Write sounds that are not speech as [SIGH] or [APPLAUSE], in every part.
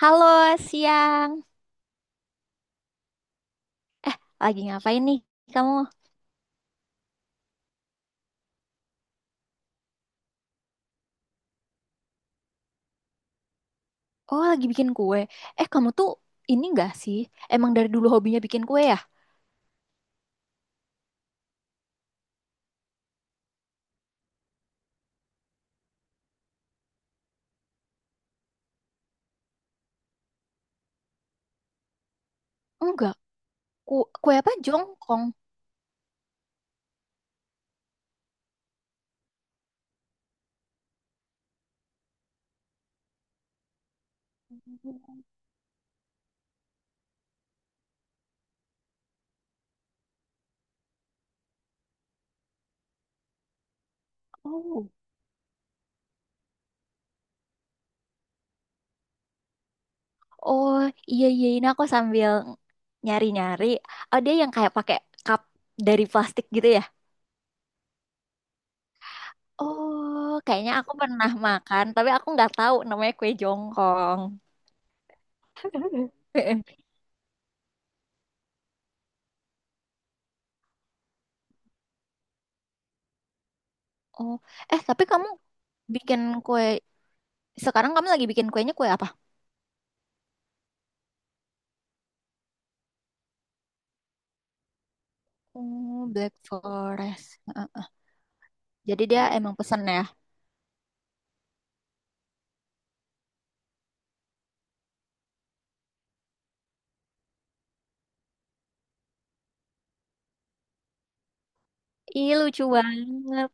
Halo, siang. Lagi ngapain nih kamu? Oh, lagi bikin kue. Eh, kamu tuh ini enggak sih? Emang dari dulu hobinya bikin kue ya? Enggak. Ku kue apa? Jongkong. Oh. Oh, iya iya ini aku sambil nyari-nyari. Oh, dia yang kayak pakai cup dari plastik gitu ya? Oh, kayaknya aku pernah makan, tapi aku nggak tahu namanya kue jongkong. [LAUGHS] Oh, eh tapi kamu bikin kue sekarang kamu lagi bikin kuenya kue apa? Oh, Black Forest. Heeh. Jadi dia emang pesen ya. Ih, lucu banget.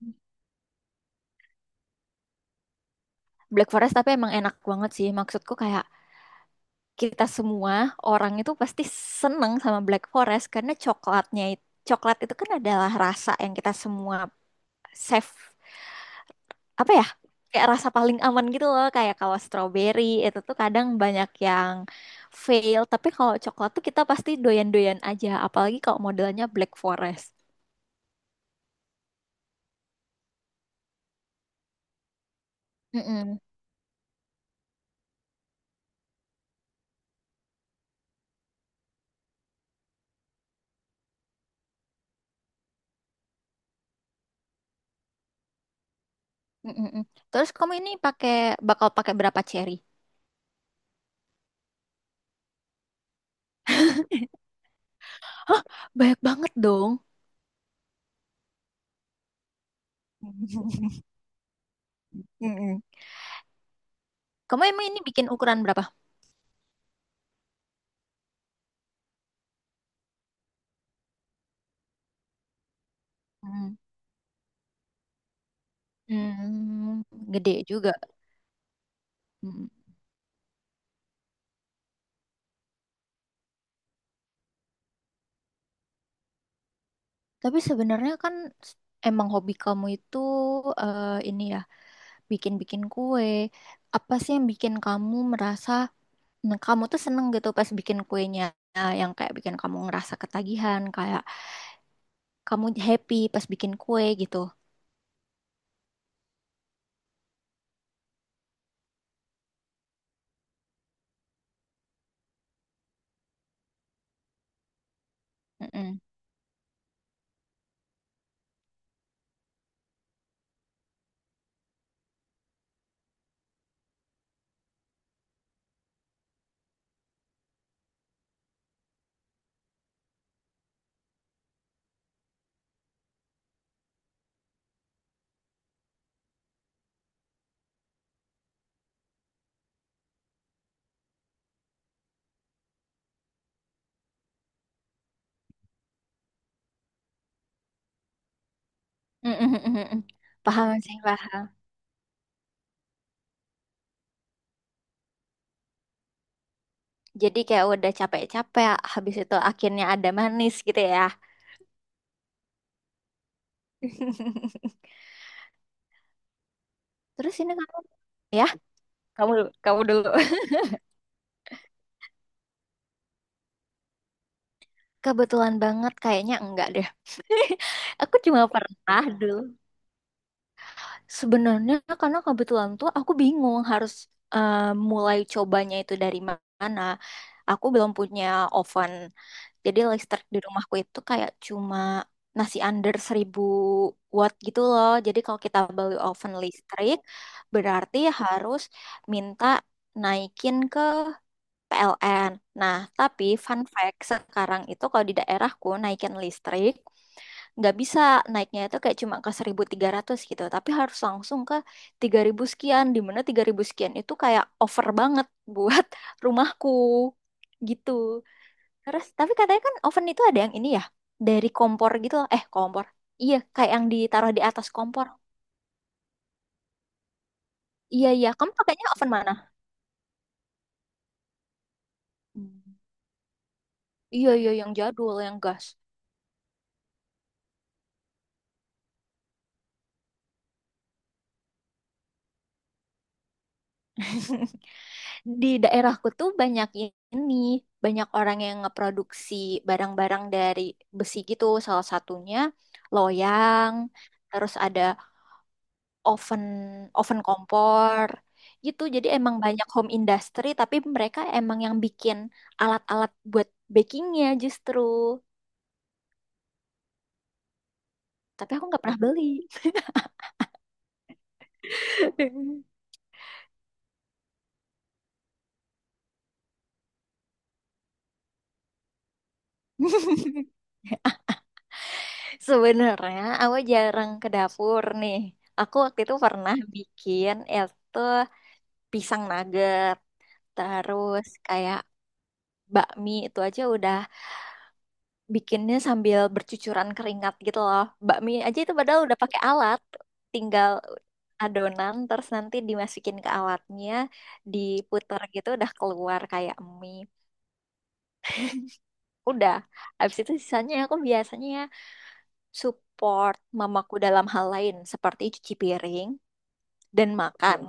[LAUGHS] Black Forest tapi emang enak banget sih. Maksudku kayak kita semua orang itu pasti seneng sama Black Forest karena coklatnya itu coklat itu kan adalah rasa yang kita semua safe apa ya? Kayak rasa paling aman gitu loh. Kayak kalau strawberry itu tuh kadang banyak yang fail, tapi kalau coklat tuh kita pasti doyan-doyan aja, apalagi kalau modelnya Black Forest. Mm-mm. Mm, mm, mm. Terus kamu ini bakal pakai berapa cherry? [LAUGHS] Banyak banget dong. [LAUGHS] Mm-mm. Kamu emang ini bikin ukuran berapa? Hmm. Hmm, gede juga. Mm. Tapi sebenarnya kan s- emang hobi kamu itu ini ya, bikin-bikin kue. Apa sih yang bikin kamu merasa kamu tuh seneng gitu pas bikin kuenya. Nah, yang kayak bikin kamu ngerasa ketagihan, kayak kamu happy pas bikin kue gitu. Mm-mm, mm-mm. Paham sih, paham. Jadi kayak udah capek-capek, habis itu akhirnya ada manis gitu ya. [LAUGHS] Terus ini kamu, ya, kamu kamu dulu. [LAUGHS] Kebetulan banget kayaknya enggak deh. [LAUGHS] Aku cuma pernah dulu. Sebenarnya karena kebetulan tuh aku bingung harus eh, mulai cobanya itu dari mana. Aku belum punya oven. Jadi listrik di rumahku itu kayak cuma nasi under 1.000 watt gitu loh. Jadi kalau kita beli oven listrik, berarti harus minta naikin ke PLN. Nah, tapi fun fact, sekarang itu kalau di daerahku naikin listrik, nggak bisa naiknya itu kayak cuma ke 1.300 gitu. Tapi harus langsung ke 3000 sekian, di mana 3000 sekian itu kayak over banget buat [LAUGHS] rumahku gitu. Terus, tapi katanya kan oven itu ada yang ini ya, dari kompor gitu loh. Eh, kompor. Iya, kayak yang ditaruh di atas kompor. Iya, iya. Kamu pakainya oven mana? Hmm. Iya, iya, yang jadul, yang gas. [LAUGHS] Di daerahku tuh banyak ini, banyak orang yang ngeproduksi barang-barang dari besi gitu. Salah satunya loyang, terus ada oven oven kompor gitu. Jadi emang banyak home industry tapi mereka emang yang bikin alat-alat buat bakingnya justru. Tapi aku nggak pernah beli. [LAUGHS] Sebenarnya aku jarang ke dapur nih. Aku waktu itu pernah bikin itu pisang nugget, terus kayak bakmi itu aja udah bikinnya sambil bercucuran keringat gitu loh. Bakmi aja itu padahal udah pakai alat, tinggal adonan terus nanti dimasukin ke alatnya, diputer gitu udah keluar kayak mie. Udah. Habis itu sisanya aku biasanya support mamaku dalam hal lain seperti cuci piring dan makan.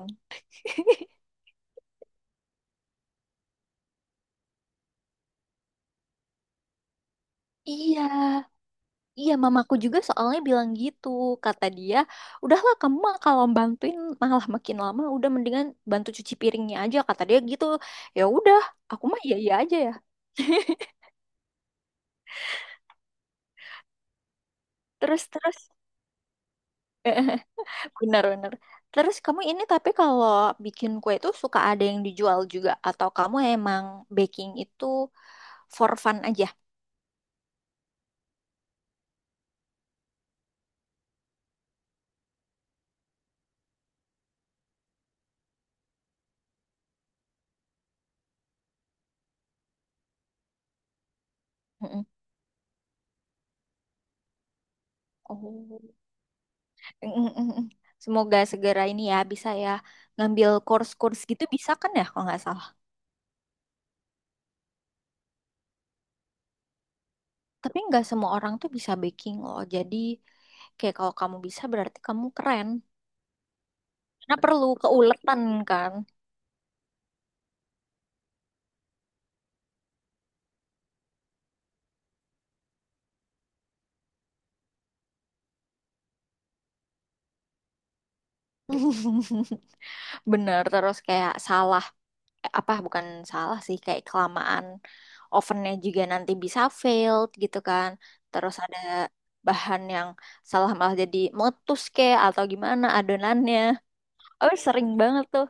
Iya, [LAUGHS] Iya, mamaku juga soalnya bilang gitu. Kata dia, udahlah kamu mah kalau bantuin malah makin lama, udah mendingan bantu cuci piringnya aja. Kata dia gitu. Ya udah, aku mah iya iya aja ya. [LAUGHS] Terus terus, [LAUGHS] benar-benar. Terus kamu ini tapi kalau bikin kue itu suka ada yang dijual juga atau kamu emang baking itu for fun aja? Mm-mm. Oh. Mm-mm-mm. Semoga segera ini ya bisa ya ngambil course-course gitu bisa kan ya kalau nggak salah. Tapi nggak semua orang tuh bisa baking loh. Jadi kayak kalau kamu bisa berarti kamu keren. Karena perlu keuletan kan. [LAUGHS] Bener, terus kayak salah, eh, apa bukan salah sih, kayak kelamaan ovennya juga nanti bisa failed gitu kan. Terus ada bahan yang salah malah jadi meletus kayak atau gimana adonannya. Oh, sering banget tuh.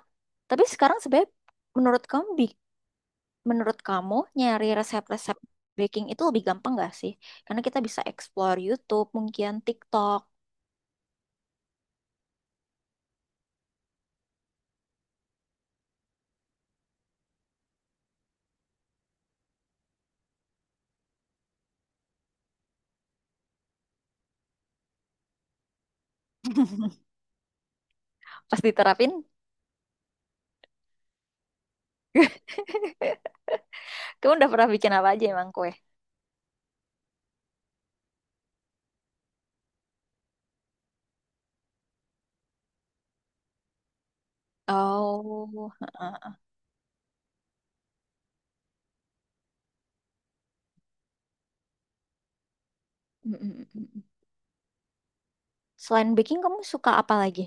Tapi sekarang sebenarnya menurut kamu bi- Menurut kamu, nyari resep-resep baking itu lebih gampang gak sih? Karena kita bisa explore YouTube, mungkin TikTok. [LAUGHS] Pas diterapin, [LAUGHS] kamu udah pernah bikin apa aja emang kue? Oh, heeh. Mm, mm, mm, mm. Selain baking, kamu suka apa lagi?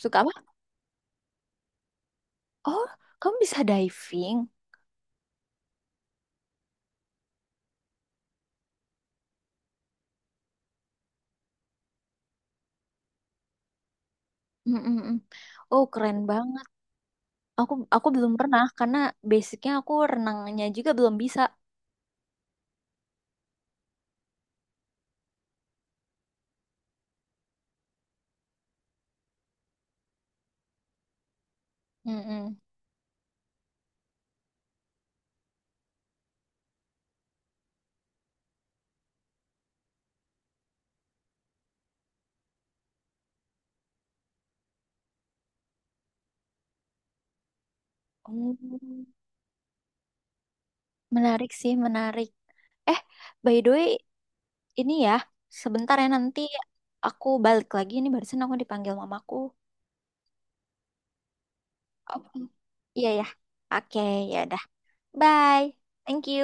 Suka apa? Oh, kamu bisa diving. Mm, mm, mm. Oh, keren banget. Aku belum pernah karena basicnya aku renangnya juga belum bisa. Mm, mm. Oh, menarik sih, menarik. Eh, by the way, ini ya, sebentar ya nanti aku balik lagi. Ini barusan aku dipanggil mamaku. Oh, iya ya. Oke, ya udah. Bye. Thank you.